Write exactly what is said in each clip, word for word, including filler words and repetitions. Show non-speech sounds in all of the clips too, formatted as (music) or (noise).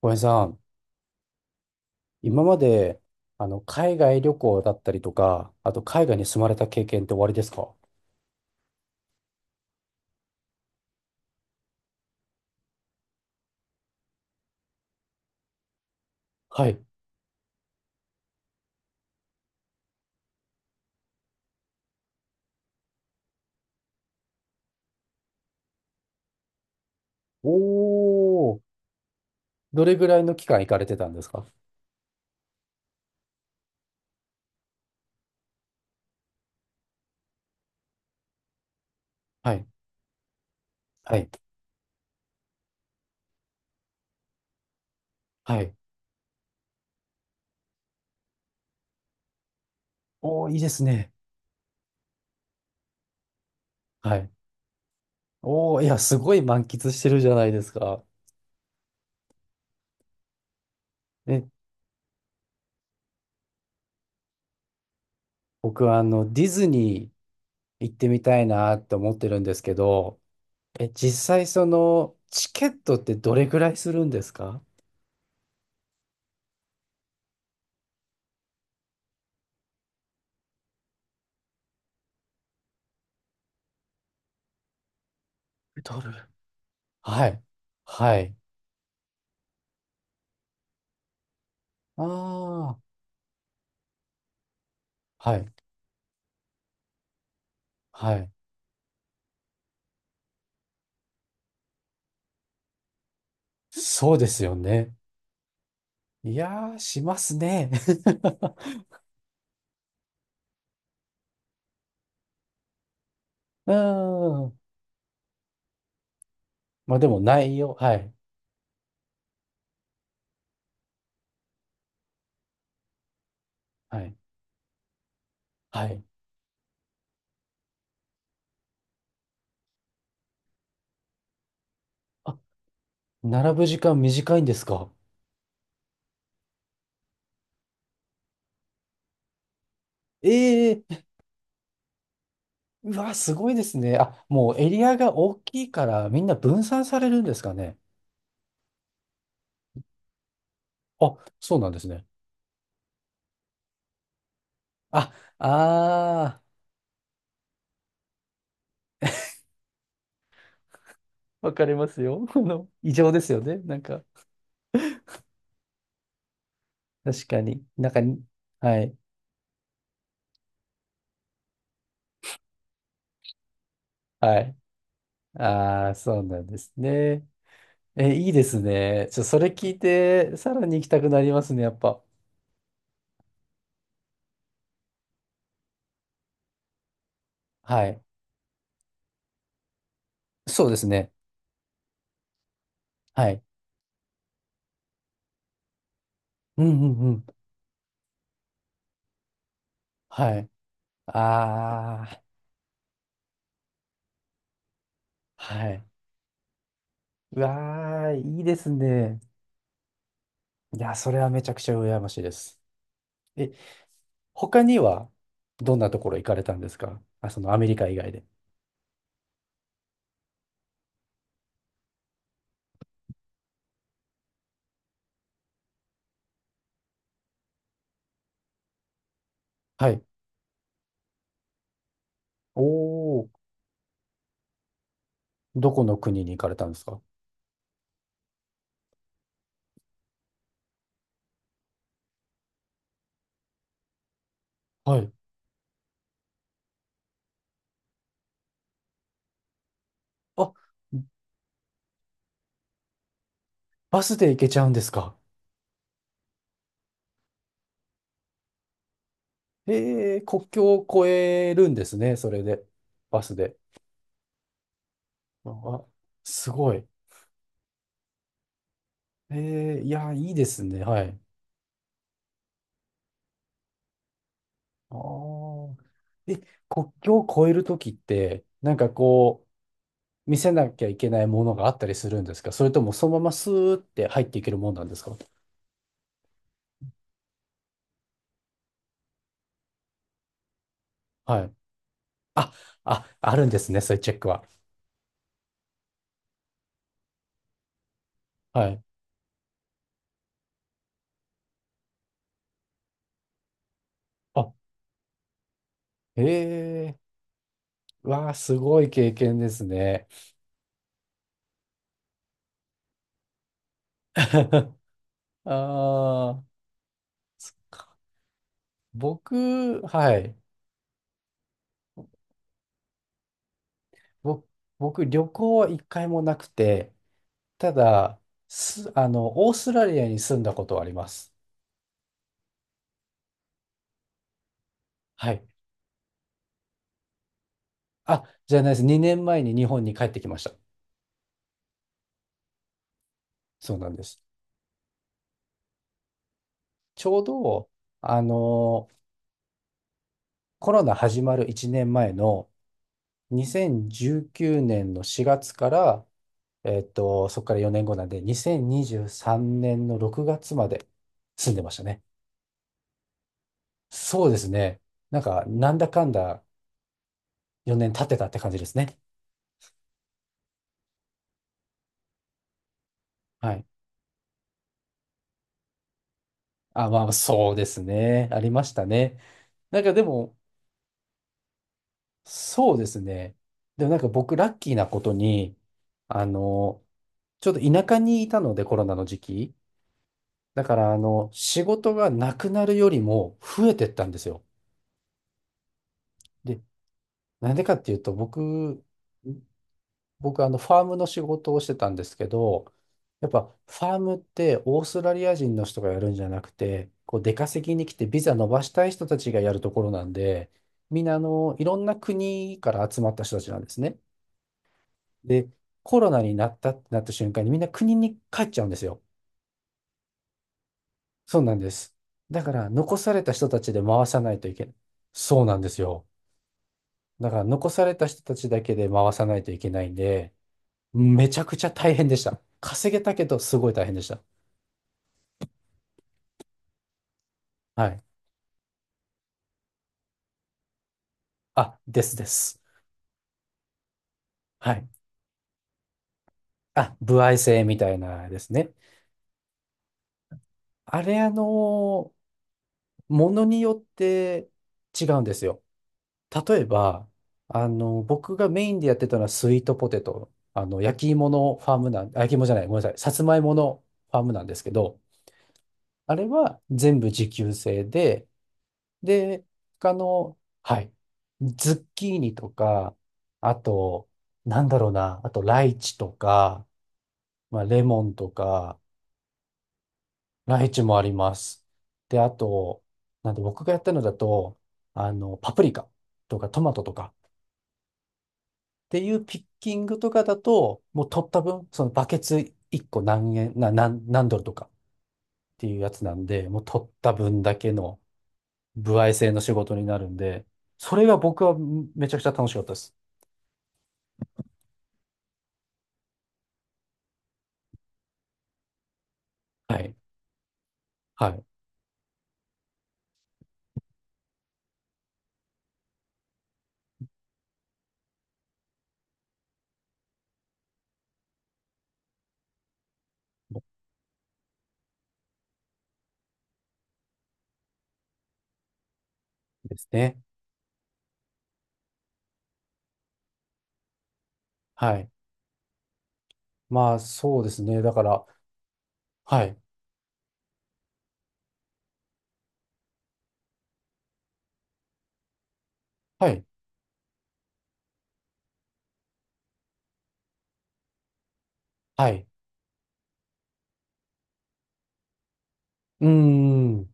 小林さん、今まで、あの、海外旅行だったりとか、あと海外に住まれた経験って終わりですか？はい。おー、どれぐらいの期間行かれてたんですか？はい。はい。はい。おー、いいですね。はい。おー、いや、すごい満喫してるじゃないですか。ね、僕はあの、ディズニー行ってみたいなって思ってるんですけど、え、実際その、チケットってどれぐらいするんですか？ドル。はい。はい。ああ、はい。はい。そうですよね。いやー、しますね。(laughs) うーん。まあでも内容、はい。はい。はい。あ、並ぶ時間短いんですか？ええー、うわ、すごいですね。あ、もうエリアが大きいからみんな分散されるんですかね。あ、そうなんですね。あ、あー、わかりますよ。(laughs) この、異常ですよね。なんか、確かに。なんかに、はい。はい。ああ、そうなんですね。え、いいですね。ちょ、それ聞いて、さらに行きたくなりますね、やっぱ。はい。そうですね。はい。うんうんうん。はい。ああ、はい。うわあ、いいですね。いや、それはめちゃくちゃ羨ましいです。え、他には、どんなところ行かれたんですか？あ、そのアメリカ以外で。はい。おお、どこの国に行かれたんですか？はい。あ、バスで行けちゃうんですか？ええ、国境を越えるんですね、それで。バスで。あ、すごい。えー、いや、いいですね。はい。ああ。え、国境を越えるときって、なんかこう、見せなきゃいけないものがあったりするんですか？それともそのままスーって入っていけるもんなんですか？はい。あ、あ、あるんですね。そういうチェックは。はい。あ、ええー、わあ、すごい経験ですね。(laughs) ああ、そっか。僕、はい。ぼ僕、旅行は一回もなくて、ただ、す、あの、オーストラリアに住んだことはあります。はい。あ、じゃないです。にねんまえに日本に帰ってきました。そうなんです。ちょうど、あの、コロナ始まるいちねんまえのにせんじゅうきゅうねんのしがつから、えっと、そこからよねんごなんで、にせんにじゅうさんねんのろくがつまで住んでましたね。そうですね。なんか、なんだかんだよねん経ってたって感じですね。はい。あ、まあ、そうですね。ありましたね。なんかでも、そうですね。でもなんか僕、ラッキーなことに、あの、ちょっと田舎にいたので、コロナの時期。だから、あの、仕事がなくなるよりも増えてったんですよ。で、なんでかっていうと、僕、僕、あの、ファームの仕事をしてたんですけど、やっぱ、ファームってオーストラリア人の人がやるんじゃなくて、こう、出稼ぎに来てビザ伸ばしたい人たちがやるところなんで、みんな、あの、いろんな国から集まった人たちなんですね。で、コロナになったってなった瞬間にみんな国に帰っちゃうんですよ。そうなんです。だから残された人たちで回さないといけない。そうなんですよ。だから残された人たちだけで回さないといけないんで、めちゃくちゃ大変でした。稼げたけどすごい大変でした。はい。あ、ですです。はい。あ、歩合制みたいなですね。あれ、あのものによって違うんですよ。例えば、あの、僕がメインでやってたのはスイートポテト、あの、焼き芋のファームなん、あ焼き芋じゃない、ごめんなさい、さつまいものファームなんですけど、あれは全部自給制で、で、他の、はい、ズッキーニとか、あと、なんだろうな、あとライチとか、まあ、レモンとか、ライチもあります。で、あと、なんで僕がやったのだと、あの、パプリカとかトマトとか、っていうピッキングとかだと、もう取った分、そのバケツいっこ何円、な、何、何ドルとかっていうやつなんで、もう取った分だけの歩合制の仕事になるんで、それが僕はめちゃくちゃ楽しかったです。はい。はい。ですね。はい。まあ、そうですね。だから、はい。はい。はい。うーん。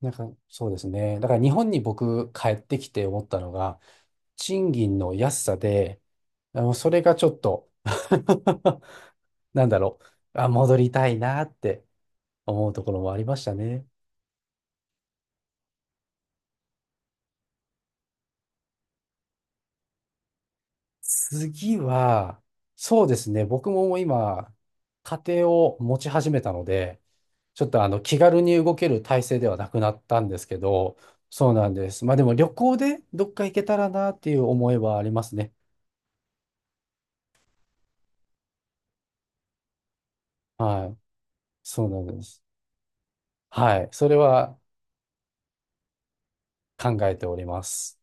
なんか、そうですね。だから日本に僕帰ってきて思ったのが、賃金の安さで、あの、それがちょっと (laughs) なんだろう、あ、戻りたいなって思うところもありましたね。次は、そうですね、僕ももう今、家庭を持ち始めたので、ちょっとあの気軽に動ける体制ではなくなったんですけど、そうなんです。まあでも旅行でどっか行けたらなっていう思いはありますね。はい。そうなんです。はい。それは考えております。